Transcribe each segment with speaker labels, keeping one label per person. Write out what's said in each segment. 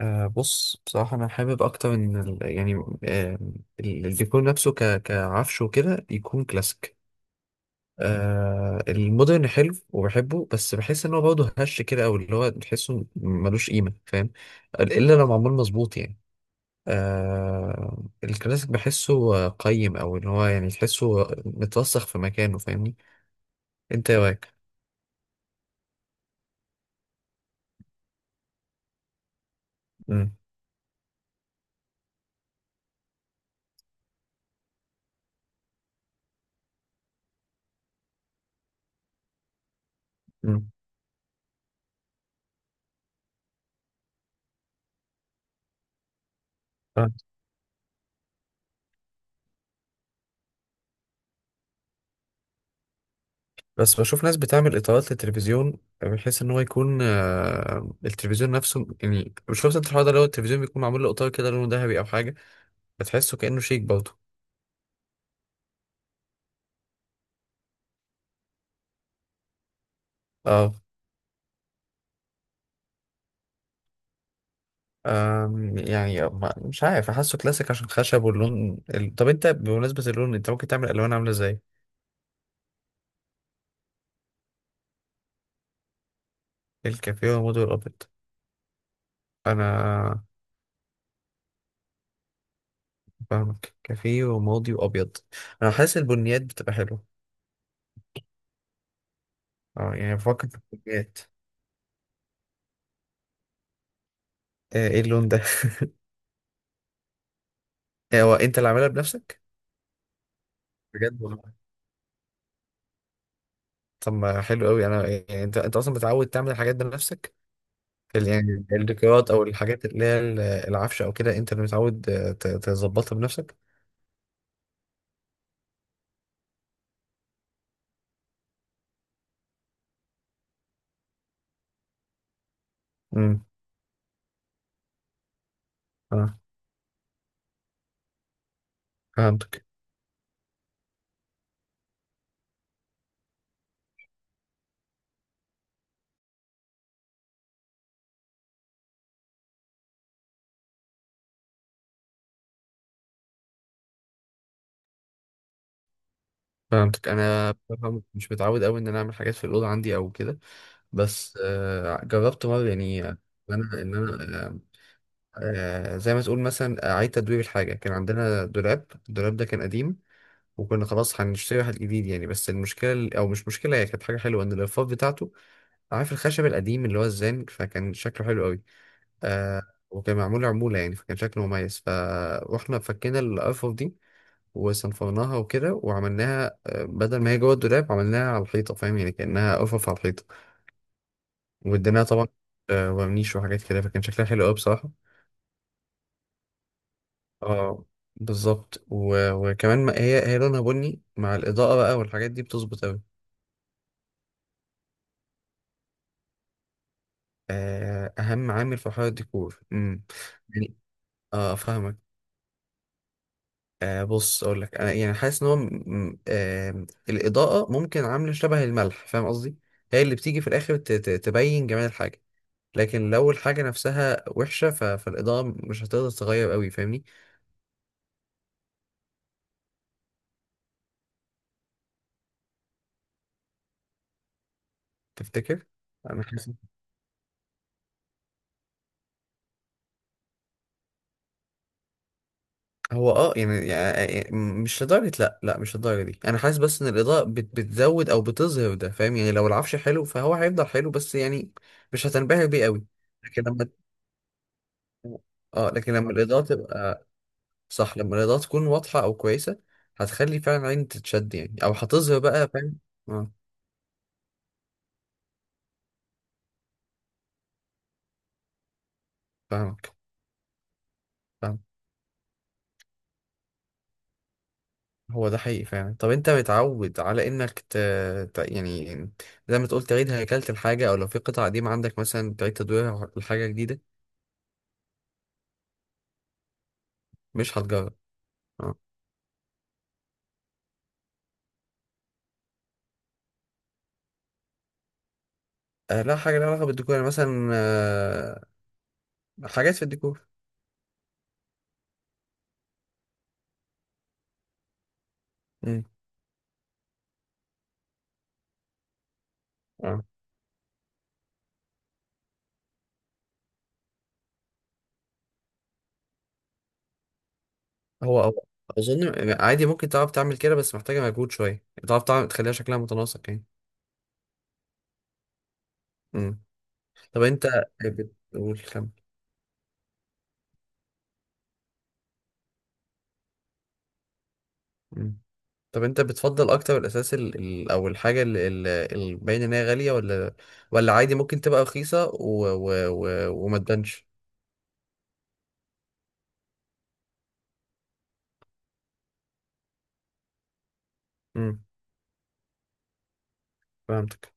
Speaker 1: بص، بصراحة أنا حابب أكتر إن يعني آه، الديكور نفسه كعفش وكده يكون كلاسيك. المودرن حلو وبحبه، بس بحس إن هو برضه هش كده، أو اللي هو تحسه ملوش قيمة، فاهم؟ إلا لو معمول مظبوط يعني. الكلاسيك بحسه قيم، أو إن هو يعني تحسه متوسخ في مكانه، فاهمني؟ أنت إيه رأيك؟ مم. مم. بس بشوف ناس بتعمل اطارات للتلفزيون، بحيث ان هو يكون التلفيزيون نفسه يعني. مش شفت انت الحوار ده؟ لو التلفزيون بيكون معمول له اطار كده لونه ذهبي او حاجه، بتحسه كانه شيك برضه. اه. يعني مش عارف احسه كلاسيك عشان خشب واللون طب انت بمناسبه اللون، انت ممكن تعمل الوان عامله ازاي؟ الكافيه وماضي والابيض. انا. فاهمك، كافيه وماضي وابيض. انا حاسس البنيات بتبقى حلوه. اه، يعني بفكر في البنيات. ايه اللون ده؟ هو انت اللي عاملها بنفسك؟ بجد والله؟ طب ما حلو قوي، انا يعني انت اصلا متعود تعمل الحاجات دي بنفسك. يعني الديكورات او الحاجات اللي هي العفشه او كده، انت اللي متعود تظبطها بنفسك؟ امم. اه، فهمتك. فهمتك، انا بصراحة مش متعود قوي ان انا اعمل حاجات في الاوضه عندي او كده. بس جربت مره يعني ان انا زي ما تقول مثلا اعيد تدوير الحاجه. كان عندنا دولاب، الدولاب ده كان قديم، وكنا خلاص هنشتري واحد جديد يعني. بس المشكله، او مش مشكله، هي كانت حاجه حلوه ان الرفاف بتاعته، عارف الخشب القديم اللي هو الزان، فكان شكله حلو قوي. آه. وكان معمول عمولة يعني، فكان شكله مميز، فروحنا فكينا الأرفف دي، وصنفرناها وكده، وعملناها بدل ما هي جوه الدولاب، عملناها على الحيطة، فاهم؟ يعني كأنها أرفف على الحيطة، واديناها طبعا ورنيش وحاجات كده، فكان شكلها حلو قوي بصراحة. اه. بالظبط، وكمان ما هي لونها بني، مع الإضاءة بقى والحاجات دي بتظبط قوي. آه، أهم عامل في حوار الديكور. امم. يعني. اه، فاهمك. بص، اقول لك انا يعني حاسس ان هو الاضاءه ممكن عامله شبه الملح، فاهم قصدي؟ هي اللي بتيجي في الاخر تبين جمال الحاجه. لكن لو الحاجه نفسها وحشه فالاضاءه مش هتقدر تغير قوي، فاهمني؟ تفتكر؟ انا حاسس. هو اه، يعني مش لدرجه، لا، لا، مش للدرجه دي. انا حاسس بس ان الاضاءه بتزود او بتظهر، ده فاهم؟ يعني لو العفش حلو فهو هيفضل حلو بس يعني مش هتنبهر بيه قوي. لكن لما اه، لكن لما الاضاءه تبقى، صح، لما الإضاءة تكون واضحة أو كويسة، هتخلي فعلا العين تتشد، يعني أو هتظهر بقى، فاهم؟ اه، فاهمك. فاهم. هو ده حقيقي فعلا. طب أنت متعود على إنك يعني زي ما تقول تعيد هيكلة الحاجة، أو لو في قطعة قديمة عندك مثلا تعيد تدويرها لحاجة جديدة؟ مش هتجرب. اه. لا، حاجة لها علاقة بالديكور يعني مثلا حاجات في الديكور. مم. اه. هو أظن يعني عادي، ممكن تعرف تعمل كده، بس محتاجة مجهود شوية تعرف تعمل تخليها شكلها متناسق يعني. مم. طب انت بتقول كم؟ مم. طب انت بتفضل اكتر الاساس او الحاجه اللي باين ان هي غاليه، ولا ولا عادي ممكن تبقى رخيصه وما تبانش؟ امم. فهمتك،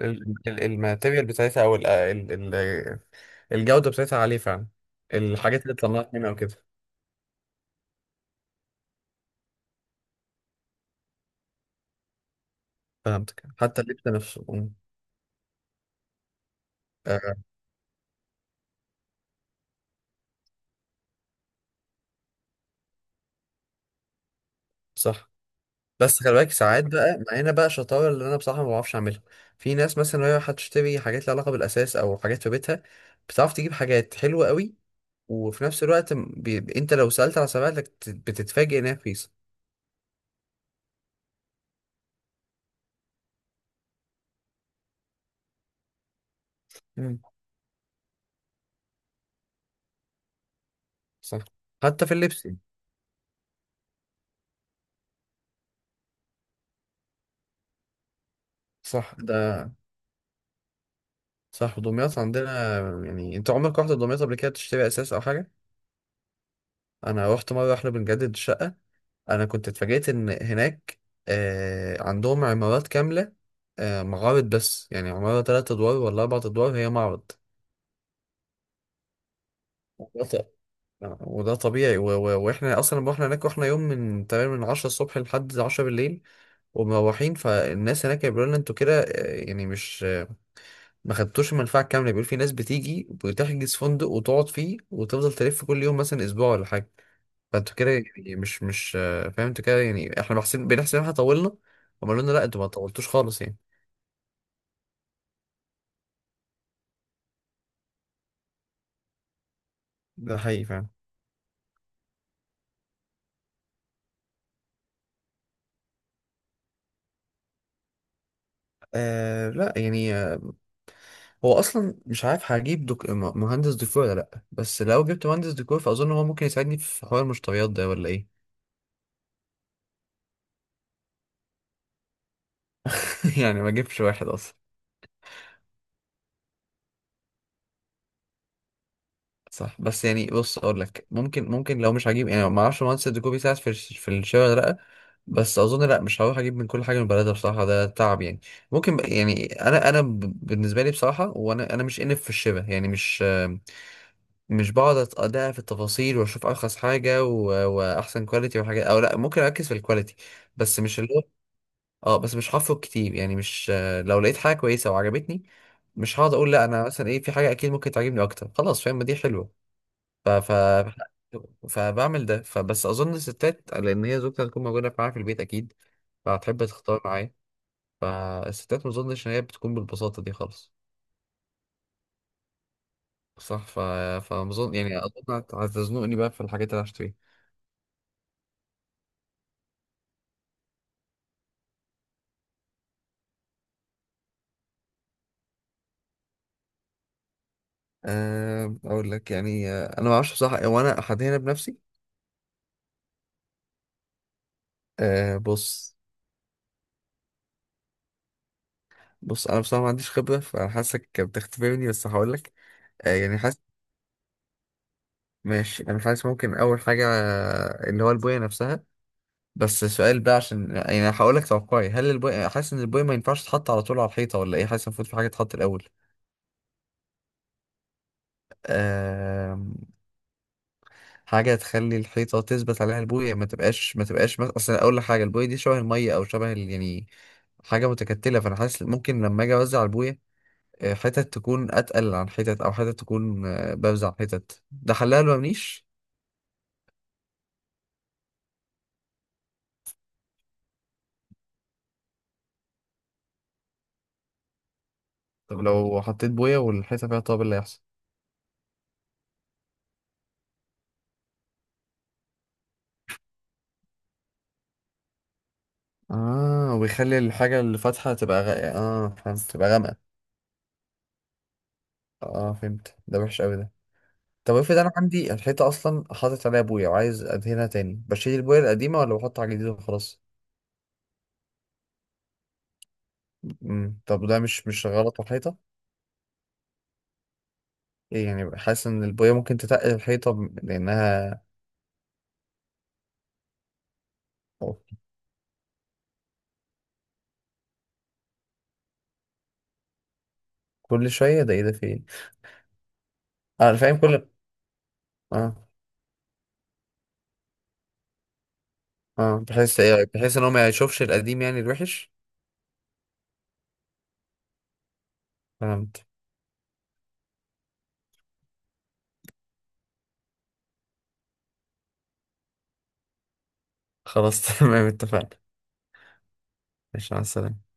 Speaker 1: الماتيريال بتاعتها، او الجوده بتاعتها عاليه فعلا، الحاجات اللي طلعت منها او كده. فهمتك، حتى اللبس نفسه. مم. آه. صح. بس خلي بالك، ساعات بقى معانا بقى شطاره اللي انا بصراحه ما بعرفش اعملها. في ناس مثلا وهي هتشتري حاجات لها علاقه بالاساس او حاجات في بيتها، بتعرف تجيب حاجات حلوه قوي. وفي نفس الوقت انت لو سالت على سبائك بتتفاجئ انها رخيصه. مم. صح. حتى في اللبس يعني. صح ده، صح، دمياط عندنا. يعني انت عمرك رحت دمياط قبل كده تشتري اساس او حاجه؟ انا رحت مره، احنا بنجدد الشقه. انا كنت اتفاجئت ان هناك عندهم عمارات كامله، معارض، بس يعني عماره ثلاث ادوار ولا اربع ادوار هي معرض. وده وده طبيعي واحنا اصلا لما رحنا هناك، رحنا يوم من تقريبا من 10 الصبح لحد 10 بالليل، ومروحين، فالناس هناك بيقولوا لنا انتوا كده، يعني مش ما خدتوش المنفعه الكامله. بيقول في ناس بتيجي بتحجز فندق وتقعد فيه، وتفضل تلف كل يوم، مثلا اسبوع ولا حاجه. فانتوا كده، يعني مش فاهم انتوا كده، يعني احنا بنحسب ان احنا طولنا. هم قالوا لنا لا، انتوا ما طولتوش خالص يعني. ده حقيقي فعلا. لا يعني هو اصلا مش عارف هجيب مهندس ديكور، ولا لا، بس لو جبت مهندس ديكور فاظن هو ممكن يساعدني في حوار المشتريات ده، ولا ايه؟ يعني ما اجيبش واحد اصلا. صح، بس يعني بص اقول لك، ممكن لو مش هجيب، يعني ما اعرفش مهندس الديكور بيساعد في الشاي ولا لا. بس اظن لا، مش هروح اجيب من كل حاجه من بلدها بصراحه، ده تعب يعني. ممكن يعني انا بالنسبه لي بصراحه، وانا مش انف في الشبه يعني، مش، مش بقعد ادقق في التفاصيل واشوف ارخص حاجه واحسن كواليتي والحاجات، او لا، ممكن اركز في الكواليتي. بس مش اللي هو، اه، بس مش هفرق كتير يعني مش، لو لقيت حاجه كويسه وعجبتني، مش هقعد اقول لا انا، مثلا ايه؟ في حاجه اكيد ممكن تعجبني اكتر، خلاص فاهم، ما دي حلوه. ف... ف... فبعمل ده، فبس اظن الستات، لان هي زوجتي هتكون موجوده معايا في البيت اكيد، فهتحب تختار معايا. فالستات ما اظنش ان هي بتكون بالبساطه دي خالص. صح، فمظن يعني اظن هتزنقني بقى في الحاجات اللي هشتريها. اقول لك يعني انا ما اعرفش بصراحه، هو انا هنا بنفسي. بص. بص انا بصراحه ما عنديش خبره، فانا حاسك بتختبرني، بس هقول لك. يعني حاسس، ماشي، انا حاسس ممكن اول حاجه اللي هو البويه نفسها. بس سؤال بقى، عشان يعني هقول لك توقعي، هل البوي حاسس ان البوي ما ينفعش تتحط على طول على الحيطه ولا ايه؟ حاسس المفروض في حاجه تتحط الاول؟ أم... حاجه تخلي الحيطه تثبت عليها البويه، ما تبقاش مثلا، اصل اقول لك حاجه، البويه دي شبه الميه او شبه يعني حاجه متكتله، فانا حاسس ممكن لما اجي اوزع البويه، حتت تكون اتقل عن حتت، او حتت تكون بوزع حتت، ده حلها لو منيش؟ طب لو حطيت بويه والحيطه فيها طابل، اللي هيحصل؟ اه، ويخلي الحاجه اللي فاتحه تبقى اه، فهمت، تبقى غامقه. اه، فهمت، ده وحش قوي ده. طب افرض انا عندي الحيطه اصلا حاطط عليها بويه وعايز ادهنها تاني، بشيل البويه القديمه ولا بحط على جديد وخلاص؟ امم، طب ده مش غلط على الحيطه؟ ايه يعني، حاسس ان البويه ممكن تتقل الحيطه لانها، كل شويه! ده ايه ده؟ في ايه؟ انا فاهم كل. اه، اه، بحس ايه، بحس ان هو ما يشوفش القديم يعني، الوحش. فهمت. خلاص تمام، اتفقنا. ماشي، مع السلامه.